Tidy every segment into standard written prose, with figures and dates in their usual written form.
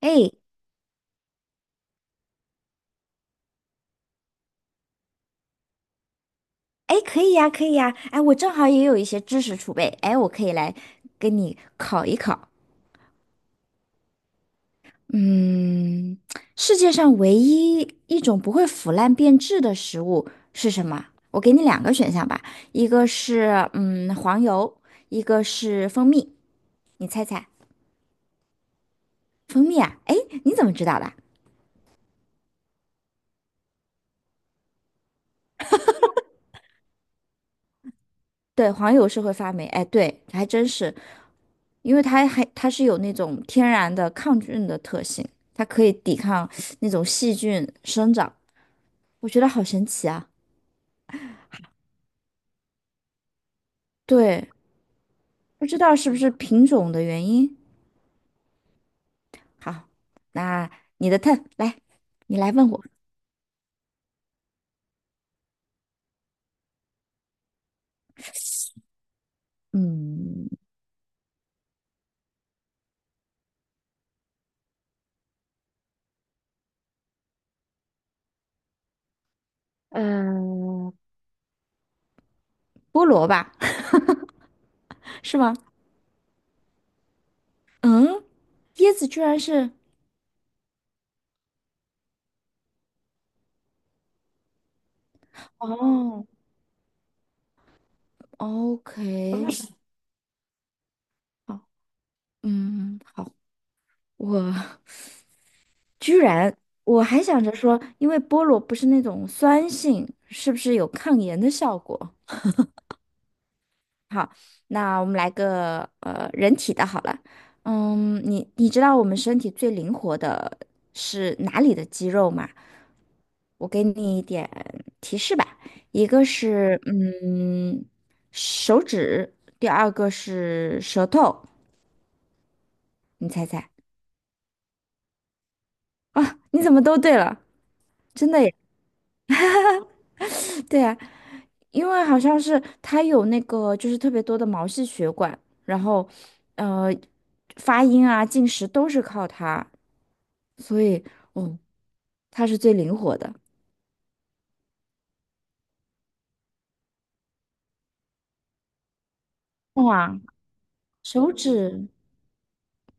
哎哎，可以呀，可以呀，哎，我正好也有一些知识储备，哎，我可以来跟你考一考。嗯，世界上唯一一种不会腐烂变质的食物是什么？我给你两个选项吧，一个是黄油，一个是蜂蜜，你猜猜？蜂蜜啊？哎，你怎么知道的？对，黄油是会发霉，哎，对，还真是，因为它是有那种天然的抗菌的特性，它可以抵抗那种细菌生长，我觉得好神奇啊！对，不知道是不是品种的原因。好，那你的 t 来，你来问我，嗯，嗯，菠萝吧，是吗？嗯，椰子居然是，哦，OK，好，好，我。居然，我还想着说，因为菠萝不是那种酸性，是不是有抗炎的效果？好，那我们来个人体的好了。你知道我们身体最灵活的是哪里的肌肉吗？我给你一点提示吧，一个是手指，第二个是舌头，你猜猜啊？你怎么都对了？真的耶！对啊，因为好像是它有那个就是特别多的毛细血管，然后呃发音啊、进食都是靠它，所以嗯，它是最灵活的。哇，手指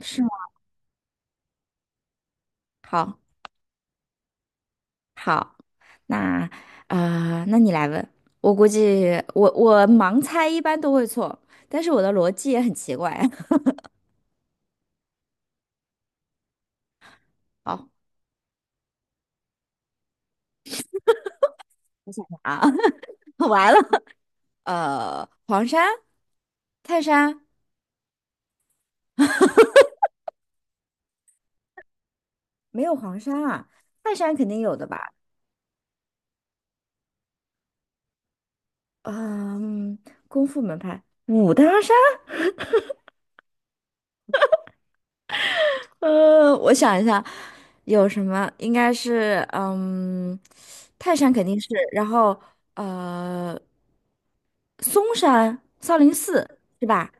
是吗？好，好，那那你来问，我估计我盲猜一般都会错，但是我的逻辑也很奇怪。好啊，完了，黄山、泰山。没有黄山啊，泰山肯定有的吧？嗯，功夫门派，武当山，我想一下，有什么？应该是，泰山肯定是，然后呃，嵩山、少林寺是吧？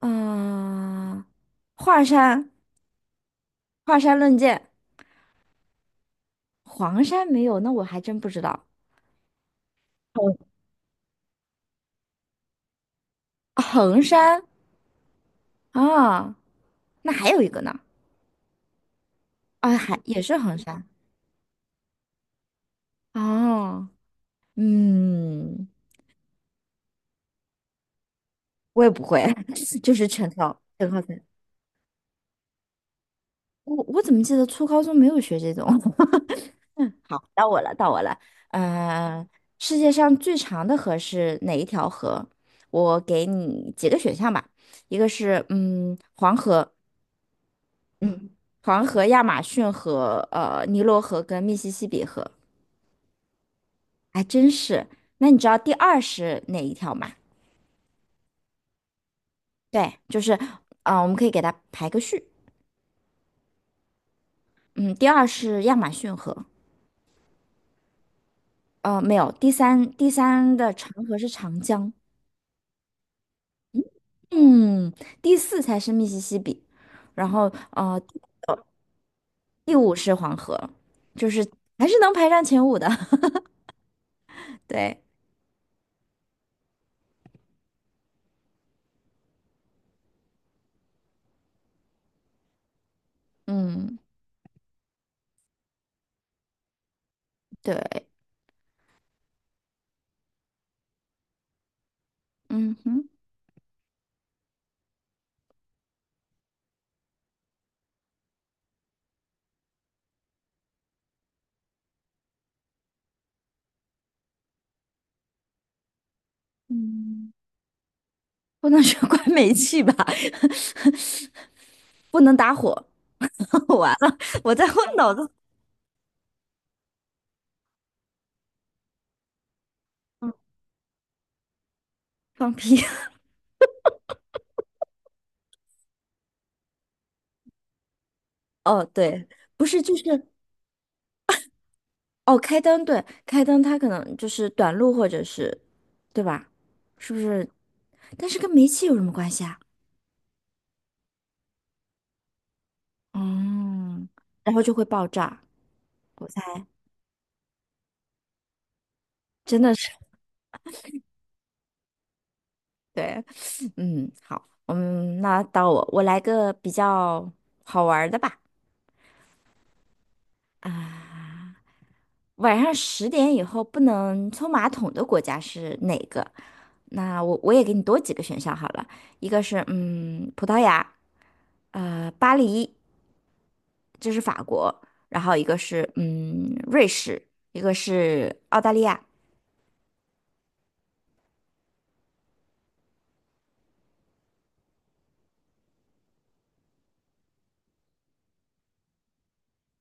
嗯、华山、华山论剑，黄山没有，那我还真不知道。衡衡山啊，那还有一个呢，啊，还也是衡山哦。嗯，我也不会，就是全靠猜。我怎么记得初高中没有学这种？嗯，好，到我了，到我了。嗯，世界上最长的河是哪一条河？我给你几个选项吧，一个是黄河，嗯黄河、亚马逊河、尼罗河跟密西西比河。还真是。那你知道第二是哪一条吗？对，就是，我们可以给它排个序。嗯，第二是亚马逊河。没有，第三的长河是长江，嗯，第四才是密西西比，然后呃，第五是黄河，就是还是能排上前五的。对，嗯，对，嗯哼，嗯，不能说关煤气吧，不能打火，完了，我在我脑子放屁。哦，对，不是，就是。哦，开灯，对，开灯，它可能就是短路或者是，对吧？是不是？但是跟煤气有什么关系啊？嗯，然后就会爆炸，我猜，真的是，对，好，那到我，我来个比较好玩儿的吧。啊，晚上10点以后不能冲马桶的国家是哪个？那我也给你多几个选项好了，一个是葡萄牙，巴黎，这是法国，然后一个是瑞士，一个是澳大利亚。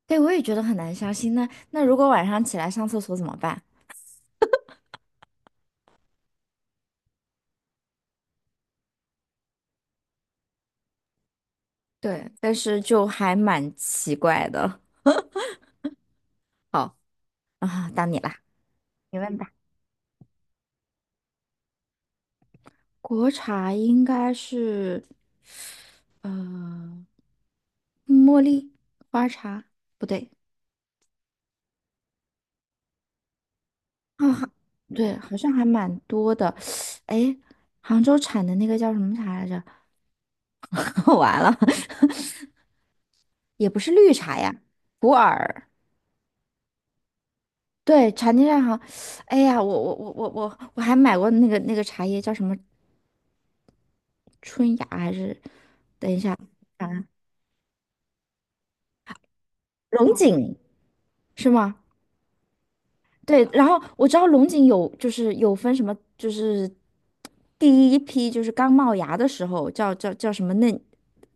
对，我也觉得很难相信。那如果晚上起来上厕所怎么办？对，但是就还蛮奇怪的好，啊。到你啦，你问吧。国茶应该是嗯茉莉花茶，不对啊，哈对，好像还蛮多的。哎，杭州产的那个叫什么茶来着？完了，也不是绿茶呀，普洱。对，茶叶蛋好，哎呀，我还买过那个茶叶，叫什么春芽还是龙井是吗？对，然后我知道龙井有就是有分什么，就是第一批就是刚冒芽的时候叫什么嫩，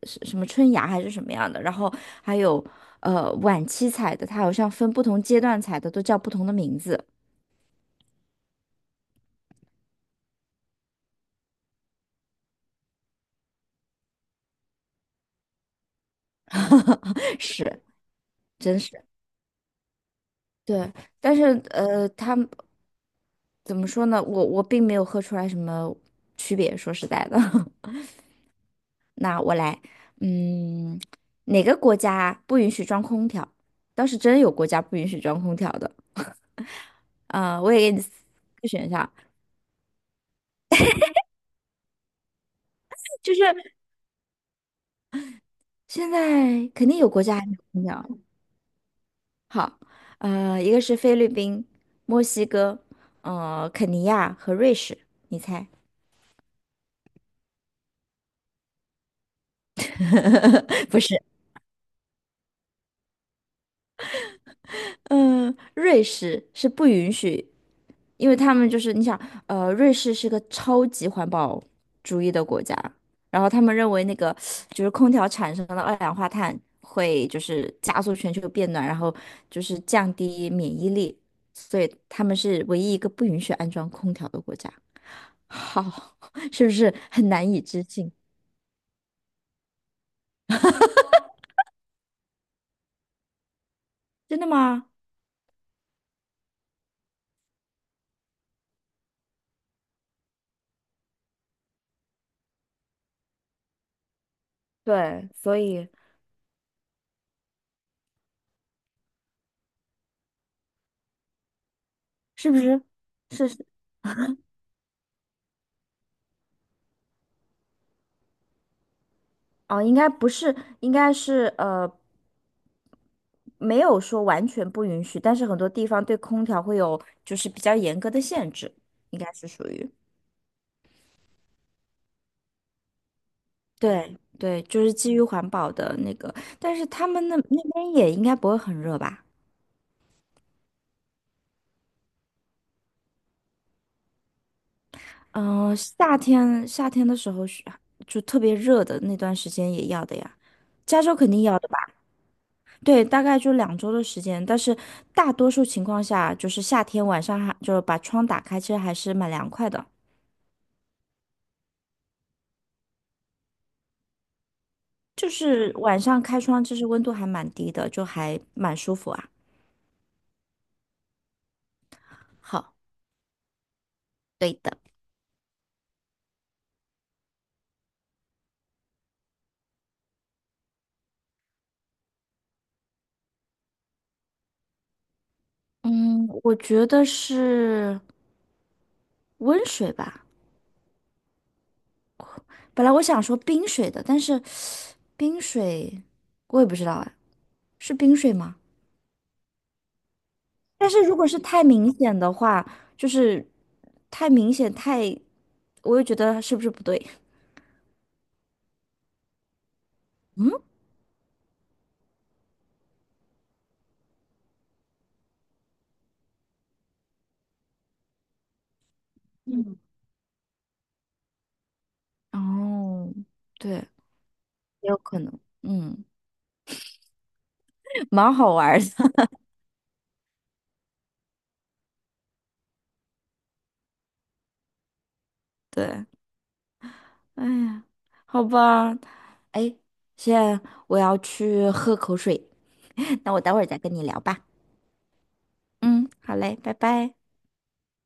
是什么春芽还是什么样的，然后还有晚期采的，它好像分不同阶段采的都叫不同的名字，是，真是。对，但是他们怎么说呢？我并没有喝出来什么区别，说实在的。来，嗯，哪个国家不允许装空调？倒是真有国家不允许装空调的。啊、我也给你四个选项，就是现在肯定有国家还没有空调。好，一个是菲律宾、墨西哥、肯尼亚和瑞士，你猜？不是。嗯，瑞士是不允许，因为他们就是你想，瑞士是个超级环保主义的国家，然后他们认为那个就是空调产生的二氧化碳会就是加速全球变暖，然后就是降低免疫力，所以他们是唯一一个不允许安装空调的国家。好，是不是很难以置信？真的吗？对，所以是不是？哦，应该不是，应该是没有说完全不允许，但是很多地方对空调会有就是比较严格的限制，应该是属于。对对，就是基于环保的那个，但是他们那边也应该不会很热吧？嗯、夏天的时候是就特别热的那段时间也要的呀，加州肯定要的吧。对，大概就2周的时间，但是大多数情况下，就是夏天晚上还就是把窗打开，其实还是蛮凉快的。就是晚上开窗，其实温度还蛮低的，就还蛮舒服啊。好，对的，嗯，我觉得是温水吧。本来我想说冰水的，但是冰水我也不知道哎，是冰水吗？但是如果是太明显的话，就是太明显太，我又觉得是不是不对？嗯。哦，对，也有可能，嗯，蛮好玩儿的，对，哎呀，好吧，哎，现在我要去喝口水，那我待会儿再跟你聊吧，嗯，好嘞，拜拜。